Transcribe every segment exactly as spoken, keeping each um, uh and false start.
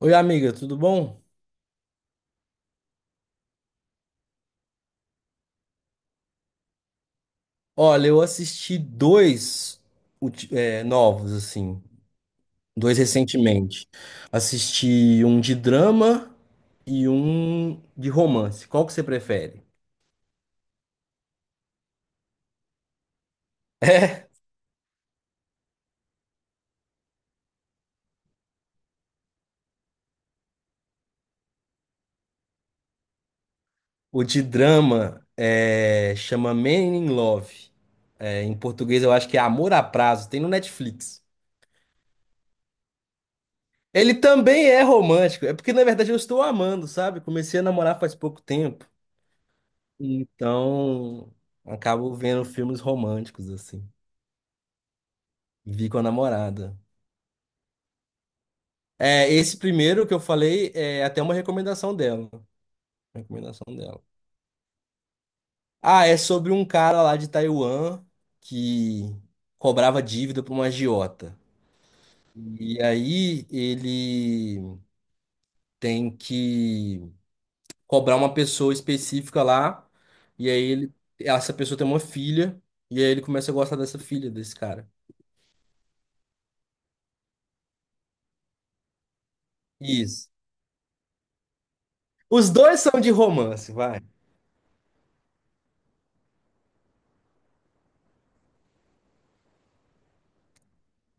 Oi, amiga, tudo bom? Olha, eu assisti dois ulti- é, novos, assim, dois recentemente. Assisti um de drama e um de romance. Qual que você prefere? É, o de drama é, chama Man in Love. É, em português eu acho que é Amor a Prazo, tem no Netflix. Ele também é romântico, é porque na verdade eu estou amando, sabe? Comecei a namorar faz pouco tempo, então acabo vendo filmes românticos, assim. Vi com a namorada. É, esse primeiro que eu falei é até uma recomendação dela. Recomendação dela. Ah, é sobre um cara lá de Taiwan que cobrava dívida para uma agiota. E aí ele tem que cobrar uma pessoa específica lá. E aí ele, essa pessoa tem uma filha. E aí ele começa a gostar dessa filha, desse cara. Isso. Os dois são de romance, vai.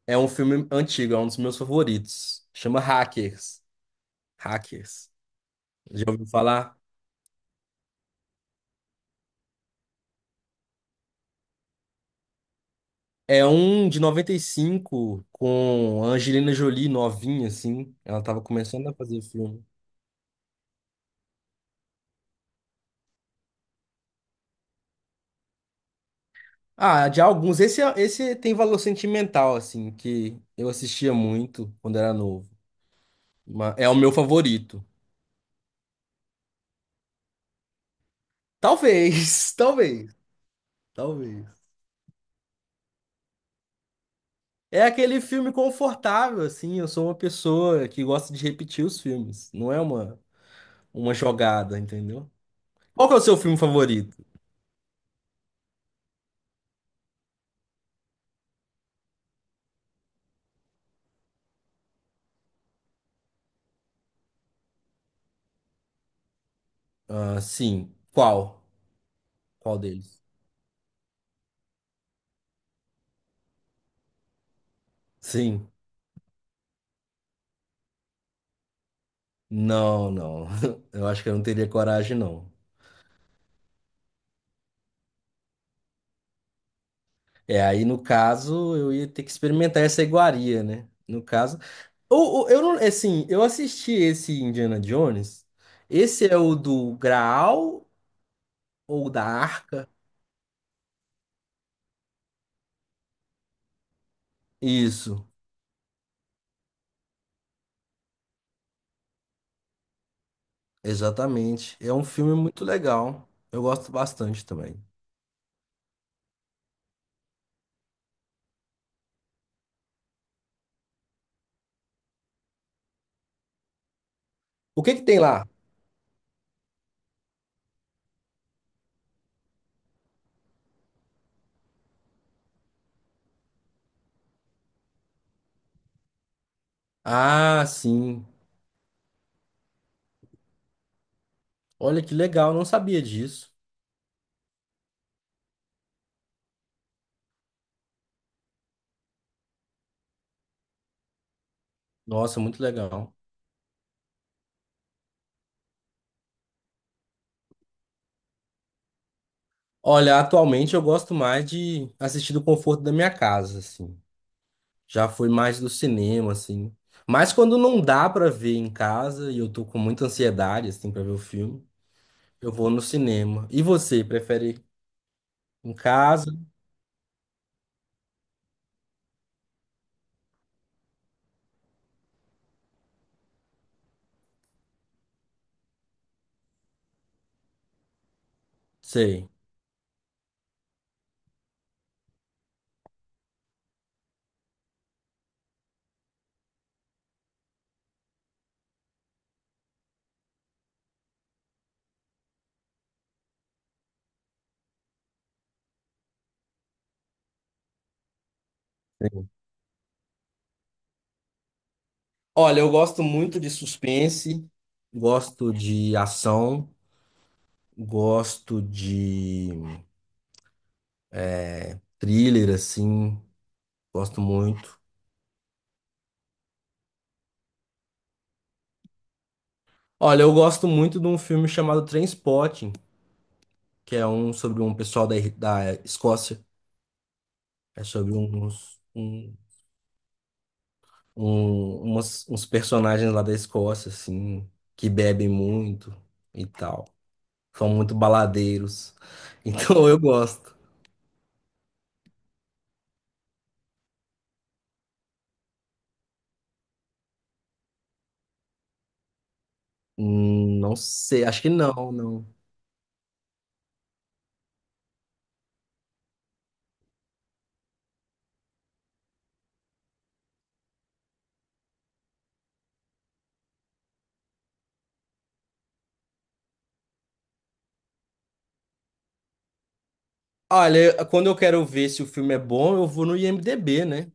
É um filme antigo, é um dos meus favoritos. Chama Hackers. Hackers. Já ouviu falar? É um de noventa e cinco com a Angelina Jolie novinha, assim. Ela tava começando a fazer filme. Ah, de alguns. Esse, é- esse tem valor sentimental, assim, que eu assistia muito quando era novo. Ma- É o meu favorito. Talvez, talvez, talvez. É aquele filme confortável, assim. Eu sou uma pessoa que gosta de repetir os filmes. Não é uma, uma jogada, entendeu? Qual que é o seu filme favorito? Ah, sim. Qual? Qual deles? Sim. Não, não. Eu acho que eu não teria coragem, não. É, aí no caso, eu ia ter que experimentar essa iguaria, né? No caso. Ou, ou- eu não, assim, eu assisti esse Indiana Jones. Esse é o do Graal ou da Arca? Isso, exatamente. É um filme muito legal. Eu gosto bastante também. O que que tem lá? Ah, sim. Olha que legal, não sabia disso. Nossa, muito legal. Olha, atualmente eu gosto mais de assistir do conforto da minha casa, assim. Já foi mais do cinema, assim. Mas quando não dá pra ver em casa e eu tô com muita ansiedade, assim, pra ver o filme, eu vou no cinema. E você, prefere em casa? Sei. Sei. Olha, eu gosto muito de suspense, gosto de ação, gosto de thriller, assim, gosto muito. Olha, eu gosto muito de um filme chamado Trainspotting, que é um sobre um pessoal da, Ir- da Escócia. É sobre uns, um, um- umas- uns personagens lá da Escócia, assim, que bebem muito e tal. São muito baladeiros. Então eu gosto. Hum, Não sei, acho que não, não. Olha, quando eu quero ver se o filme é bom, eu vou no I M D B, né?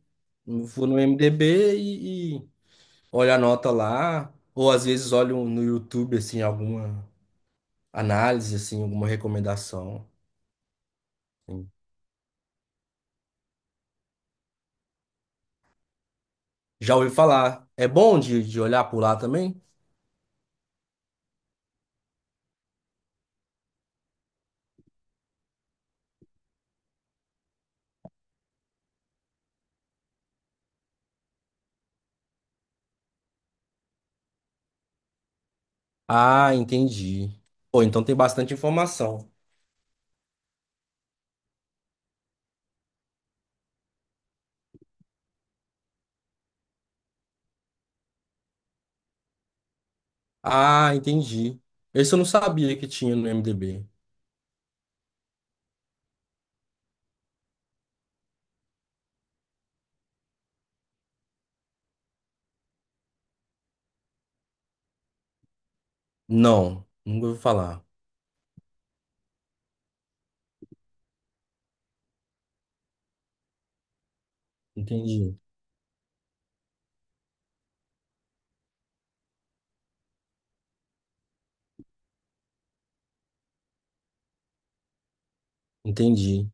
Eu vou no IMDb e, e olho a nota lá. Ou às vezes olho no YouTube, assim, alguma análise, assim, alguma recomendação. Já ouvi falar. É bom de, de, olhar por lá também? Ah, entendi. Pô, então tem bastante informação. Ah, entendi. Esse eu não sabia que tinha no M D B. Não, nunca ouvi falar. Entendi. Entendi.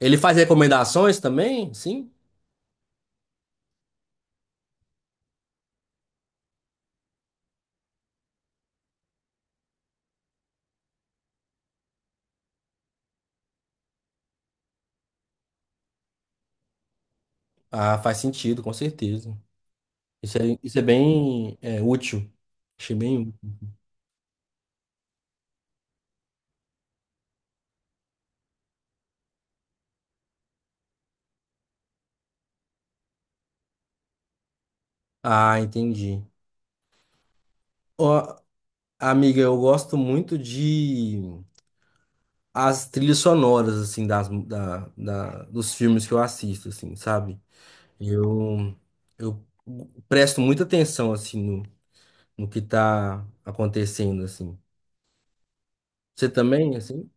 Ele faz recomendações também? Sim? Ah, faz sentido, com certeza. Isso é, isso é bem é, útil. Achei bem útil. Ah, entendi. Ó, amiga, eu gosto muito de as trilhas sonoras, assim, das, da, da- dos filmes que eu assisto, assim, sabe? Eu, eu presto muita atenção, assim, no, no, que tá acontecendo, assim. Você também, assim?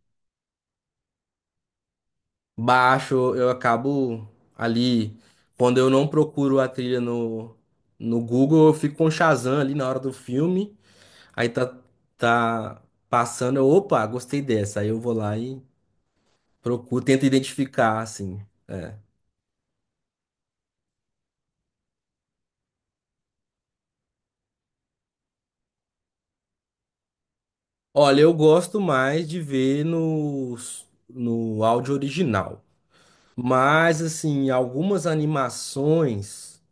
Baixo, eu acabo ali, quando eu não procuro a trilha no, no Google, eu fico com o Shazam ali na hora do filme, aí tá, tá passando, eu, opa, gostei dessa, aí eu vou lá e procuro, tento identificar, assim. Olha, eu gosto mais de ver no, no áudio original. Mas, assim, algumas animações,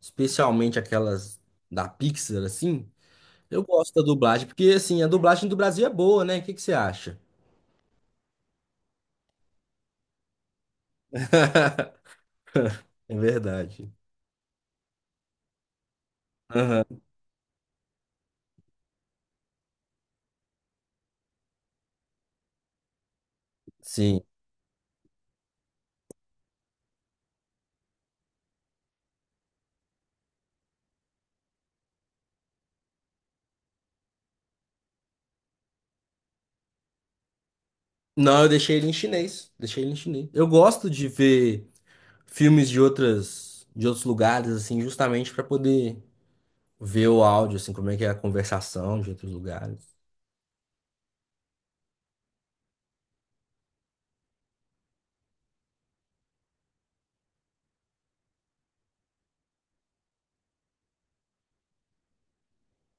especialmente aquelas da Pixar, assim, eu gosto da dublagem, porque, assim, a dublagem do Brasil é boa, né? O que que você acha? É verdade. Aham, sim. Não, eu deixei ele em chinês. Deixei ele em chinês. Eu gosto de ver filmes de outras, de outros lugares, assim, justamente para poder ver o áudio, assim, como é que é a conversação de outros lugares.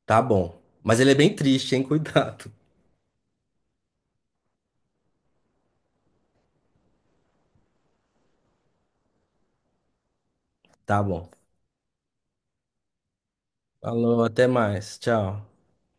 Tá bom. Mas ele é bem triste, hein? Cuidado. Tá bom. Falou, até mais. Tchau.